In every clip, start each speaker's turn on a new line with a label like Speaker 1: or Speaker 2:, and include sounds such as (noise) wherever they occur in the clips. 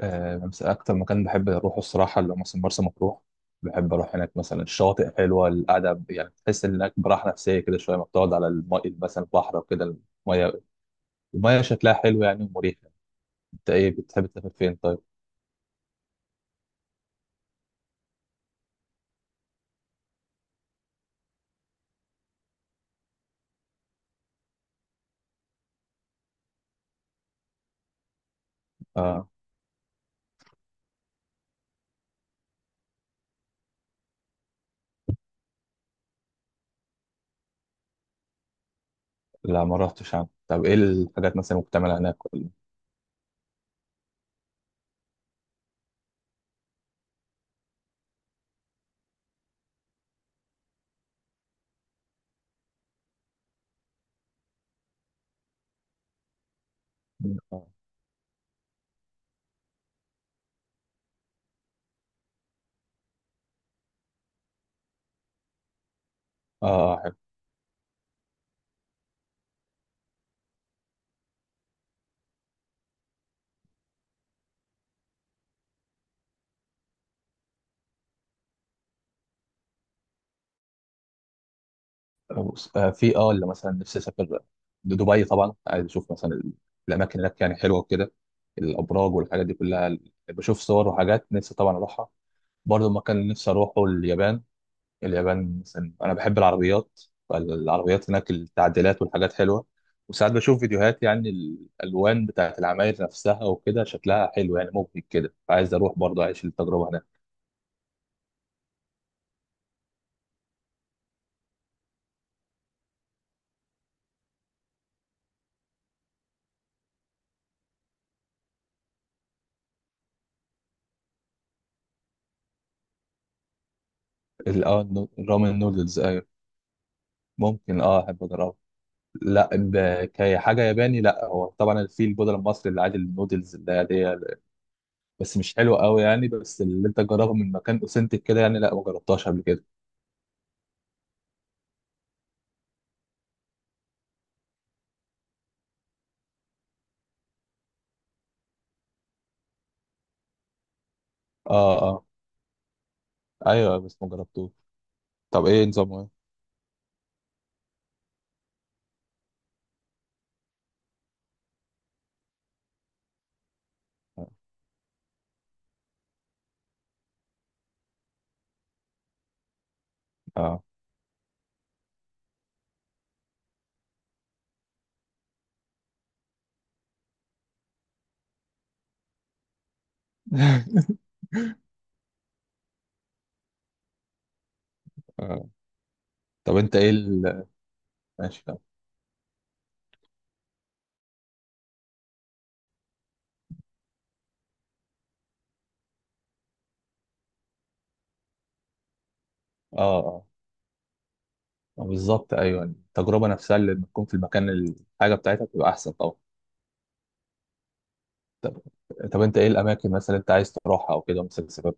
Speaker 1: بس أكتر مكان بحب أروحه الصراحة اللي هو مثلا مرسى مطروح. بحب أروح هناك، مثلا الشواطئ حلوة، القعدة يعني تحس إنك براحة نفسية كده شوية، ما بتقعد على الماء مثلا البحر وكده. المية المية شكلها حلو يعني ومريحة. أنت إيه بتحب تسافر فين طيب؟ آه لا، ما رحتش عنه. طب إيه الحاجات مثلا ممكن تعملها هناك ولا؟ آه، آه، حلو. بص، في اللي مثلا نفسي أسافر دبي طبعا، عايز أشوف مثلا الأماكن هناك يعني حلوة وكده. الأبراج والحاجات دي كلها. بشوف صور وحاجات، نفسي طبعا أروحها. برضه المكان اللي نفسي أروحه اليابان. اليابان مثلا، أنا بحب العربيات. فالعربيات هناك، التعديلات والحاجات حلوة. وساعات بشوف فيديوهات، يعني الألوان بتاعت العماير نفسها وكده شكلها حلو يعني. ممكن كده عايز أروح برضه أعيش التجربة هناك. الرامن نودلز، أيوة. ممكن أحب أجربها. لا، كحاجة ياباني لا. هو طبعا في البودرة المصري اللي عادي النودلز اللي هي دي. بس مش حلوة قوي يعني. بس اللي انت تجربها من مكان اوثنتك كده يعني، لا ما جربتهاش قبل كده. اه، اه. ايوه، بس ما جربتوش. طب ايه نظامه؟ ايه، اه. (laughs) اه طب انت ايه ماشي، طب. اه، اه، بالظبط. ايوه التجربه نفسها اللي تكون في المكان، الحاجه بتاعتها بتبقى احسن طبعا. طب طب انت ايه الاماكن مثلا انت عايز تروحها او كده، مثلا سبب؟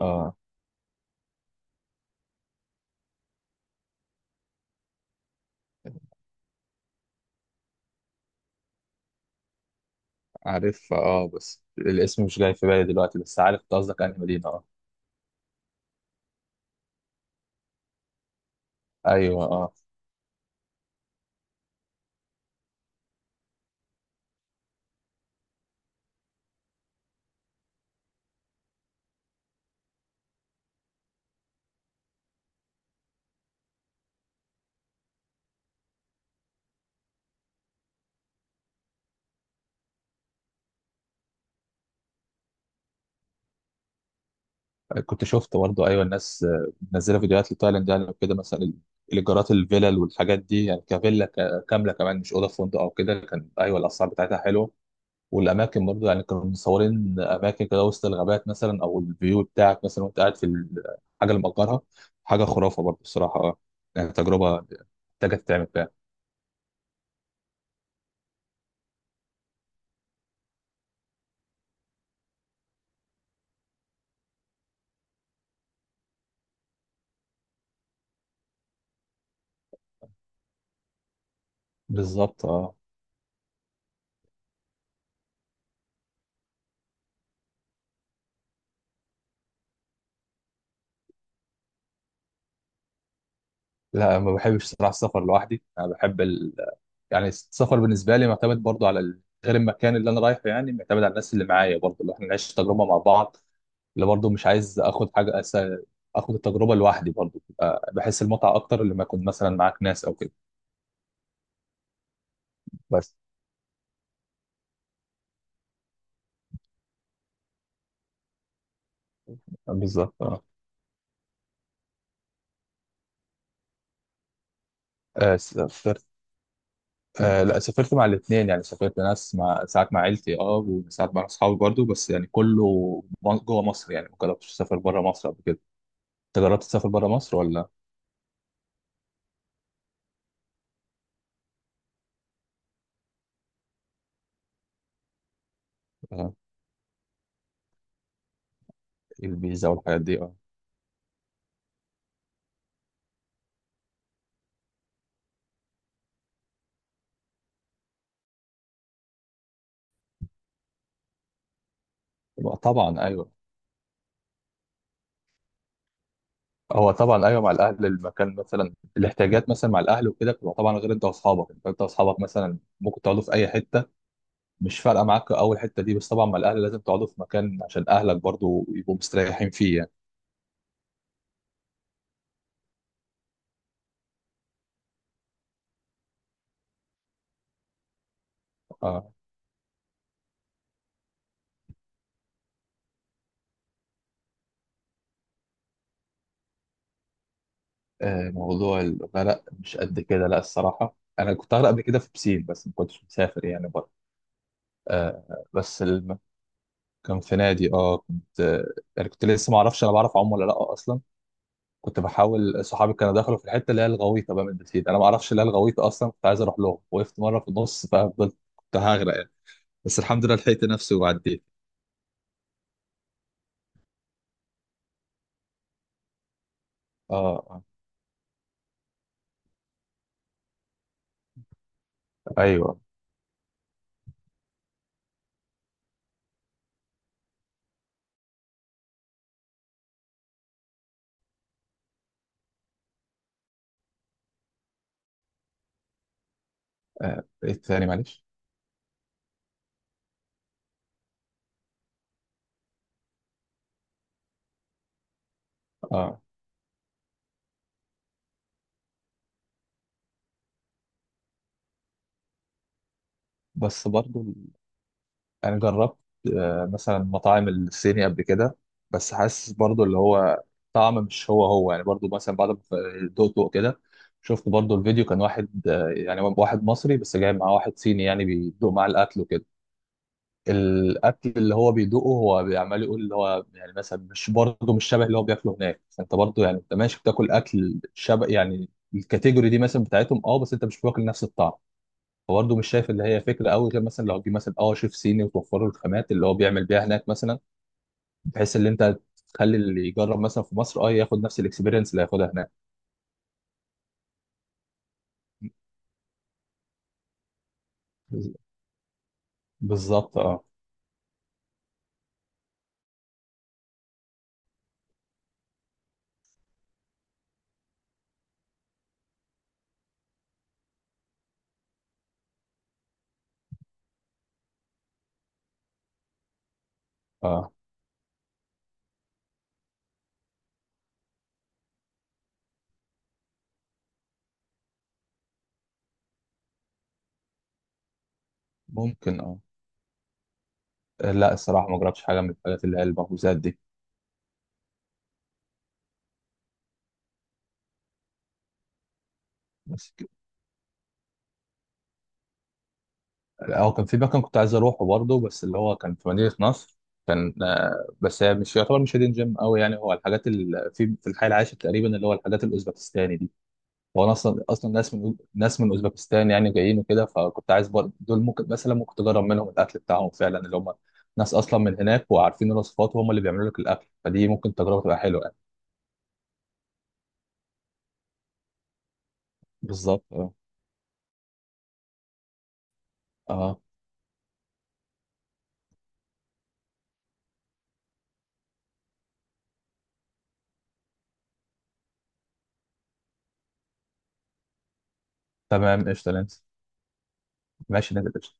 Speaker 1: اه، عارف. اه بس الاسم مش جاي في بالي دلوقتي. بس عارف انت قصدك انهي مدينه، اه. ايوه، اه. كنت شفت برضه، ايوه، الناس منزله فيديوهات لتايلاند يعني وكده مثلا. الايجارات، الفيلل والحاجات دي يعني كفيلا كامله، كمان مش اوضه في فندق او كده. كان ايوه الاسعار بتاعتها حلوه. والاماكن برضه، يعني كانوا مصورين اماكن كده وسط الغابات مثلا، او الفيو بتاعك مثلا وانت قاعد في الحاجه اللي مأجرها. حاجه خرافه برضه الصراحه، اه. يعني تجربه محتاجه تتعمل فعلا. بالظبط، اه. لا، ما بحبش صراحه السفر لوحدي. انا بحب يعني السفر بالنسبه لي معتمد برضه على غير المكان اللي انا رايحه، يعني معتمد على الناس اللي معايا برضه، اللي احنا نعيش التجربه مع بعض. اللي برضه مش عايز اخد حاجه اخد التجربه لوحدي برضه. بحس المتعه اكتر لما اكون مثلا معاك ناس او كده. بس بالظبط، اه. آه، سافرت. آه لا، سافرت مع الاثنين يعني. سافرت ناس مع ساعات مع عيلتي، وساعات مع اصحابي برضو، بس يعني كله جوه مصر. يعني ما جربتش اسافر بره مصر قبل كده. انت جربت تسافر بره مصر ولا؟ آه. إيه، الفيزا والحاجات دي، اه. يبقى طبعا، ايوه. هو طبعا ايوه، مع الاهل المكان مثلا، الاحتياجات مثلا مع الاهل وكده بتبقى طبعا غير انت واصحابك. أنت واصحابك مثلا ممكن تقعدوا في اي حته، مش فارقه معاك اول حته دي. بس طبعا مع الاهل لازم تقعدوا في مكان عشان اهلك برضو يبقوا مستريحين فيه يعني. آه. موضوع الأغنية، لا مش قد كده. لا الصراحة، أنا كنت أغرق قبل كده في بسين، بس ما كنتش مسافر يعني بره. بس كان في نادي. اه كنت يعني كنت لسه ما اعرفش انا بعرف اعوم ولا لا اصلا. كنت بحاول، صحابي كانوا دخلوا في الحته اللي هي الغويطه، بقى من البسين انا ما اعرفش اللي هي الغويطه اصلا. كنت عايز اروح لهم، وقفت مره في النص ففضلت كنت هغرق يعني. بس الحمد لله لحقت نفسي وعديت. اه، ايوه. ايه الثاني معلش؟ اه، بس برضو انا جربت، مثلا مطاعم الصيني قبل كده. بس حاسس برضو اللي هو طعم مش هو هو يعني. برضو مثلا بعد ما دقت دقت كده، شفت برضو الفيديو كان واحد، يعني واحد مصري بس جاي معاه واحد صيني يعني بيدوق معاه الاكل وكده. الاكل اللي هو بيدوقه هو بيعمل يقول اللي هو، يعني مثلا مش، برضو مش شبه اللي هو بياكله هناك. فانت برضو يعني انت ماشي بتاكل اكل شبه يعني الكاتيجوري دي مثلا بتاعتهم، بس انت مش واكل نفس الطعم. فبرضه مش شايف اللي هي فكره قوي، غير مثلا لو تجيب مثلا شيف صيني وتوفر له الخامات اللي هو بيعمل بيها هناك مثلا، بحيث ان انت تخلي اللي يجرب مثلا في مصر ياخد نفس الاكسبيرينس اللي هياخدها هناك. بالظبط، اه. اه، ممكن، اه. لا الصراحه ما جربتش حاجه من الحاجات اللي هي المخبوزات دي. بس اه كان في مكان كنت عايز اروحه برضه، بس اللي هو كان في مدينه نصر. كان، بس هي مش يعتبر مش هيدين جيم قوي يعني. هو الحاجات اللي في الحي العاشر تقريبا، اللي هو الحاجات الاوزبكستاني دي. هو انا اصلا ناس من اوزبكستان، يعني جايين وكده. فكنت عايز برضه دول ممكن تجرب منهم الاكل بتاعهم فعلا، اللي هم ناس اصلا من هناك وعارفين الوصفات، وهم اللي بيعملوا لك الاكل. فدي ممكن تجربه تبقى حلوه يعني. بالظبط، اه. اه، تمام قشطه نانسي. ماشي نانسي.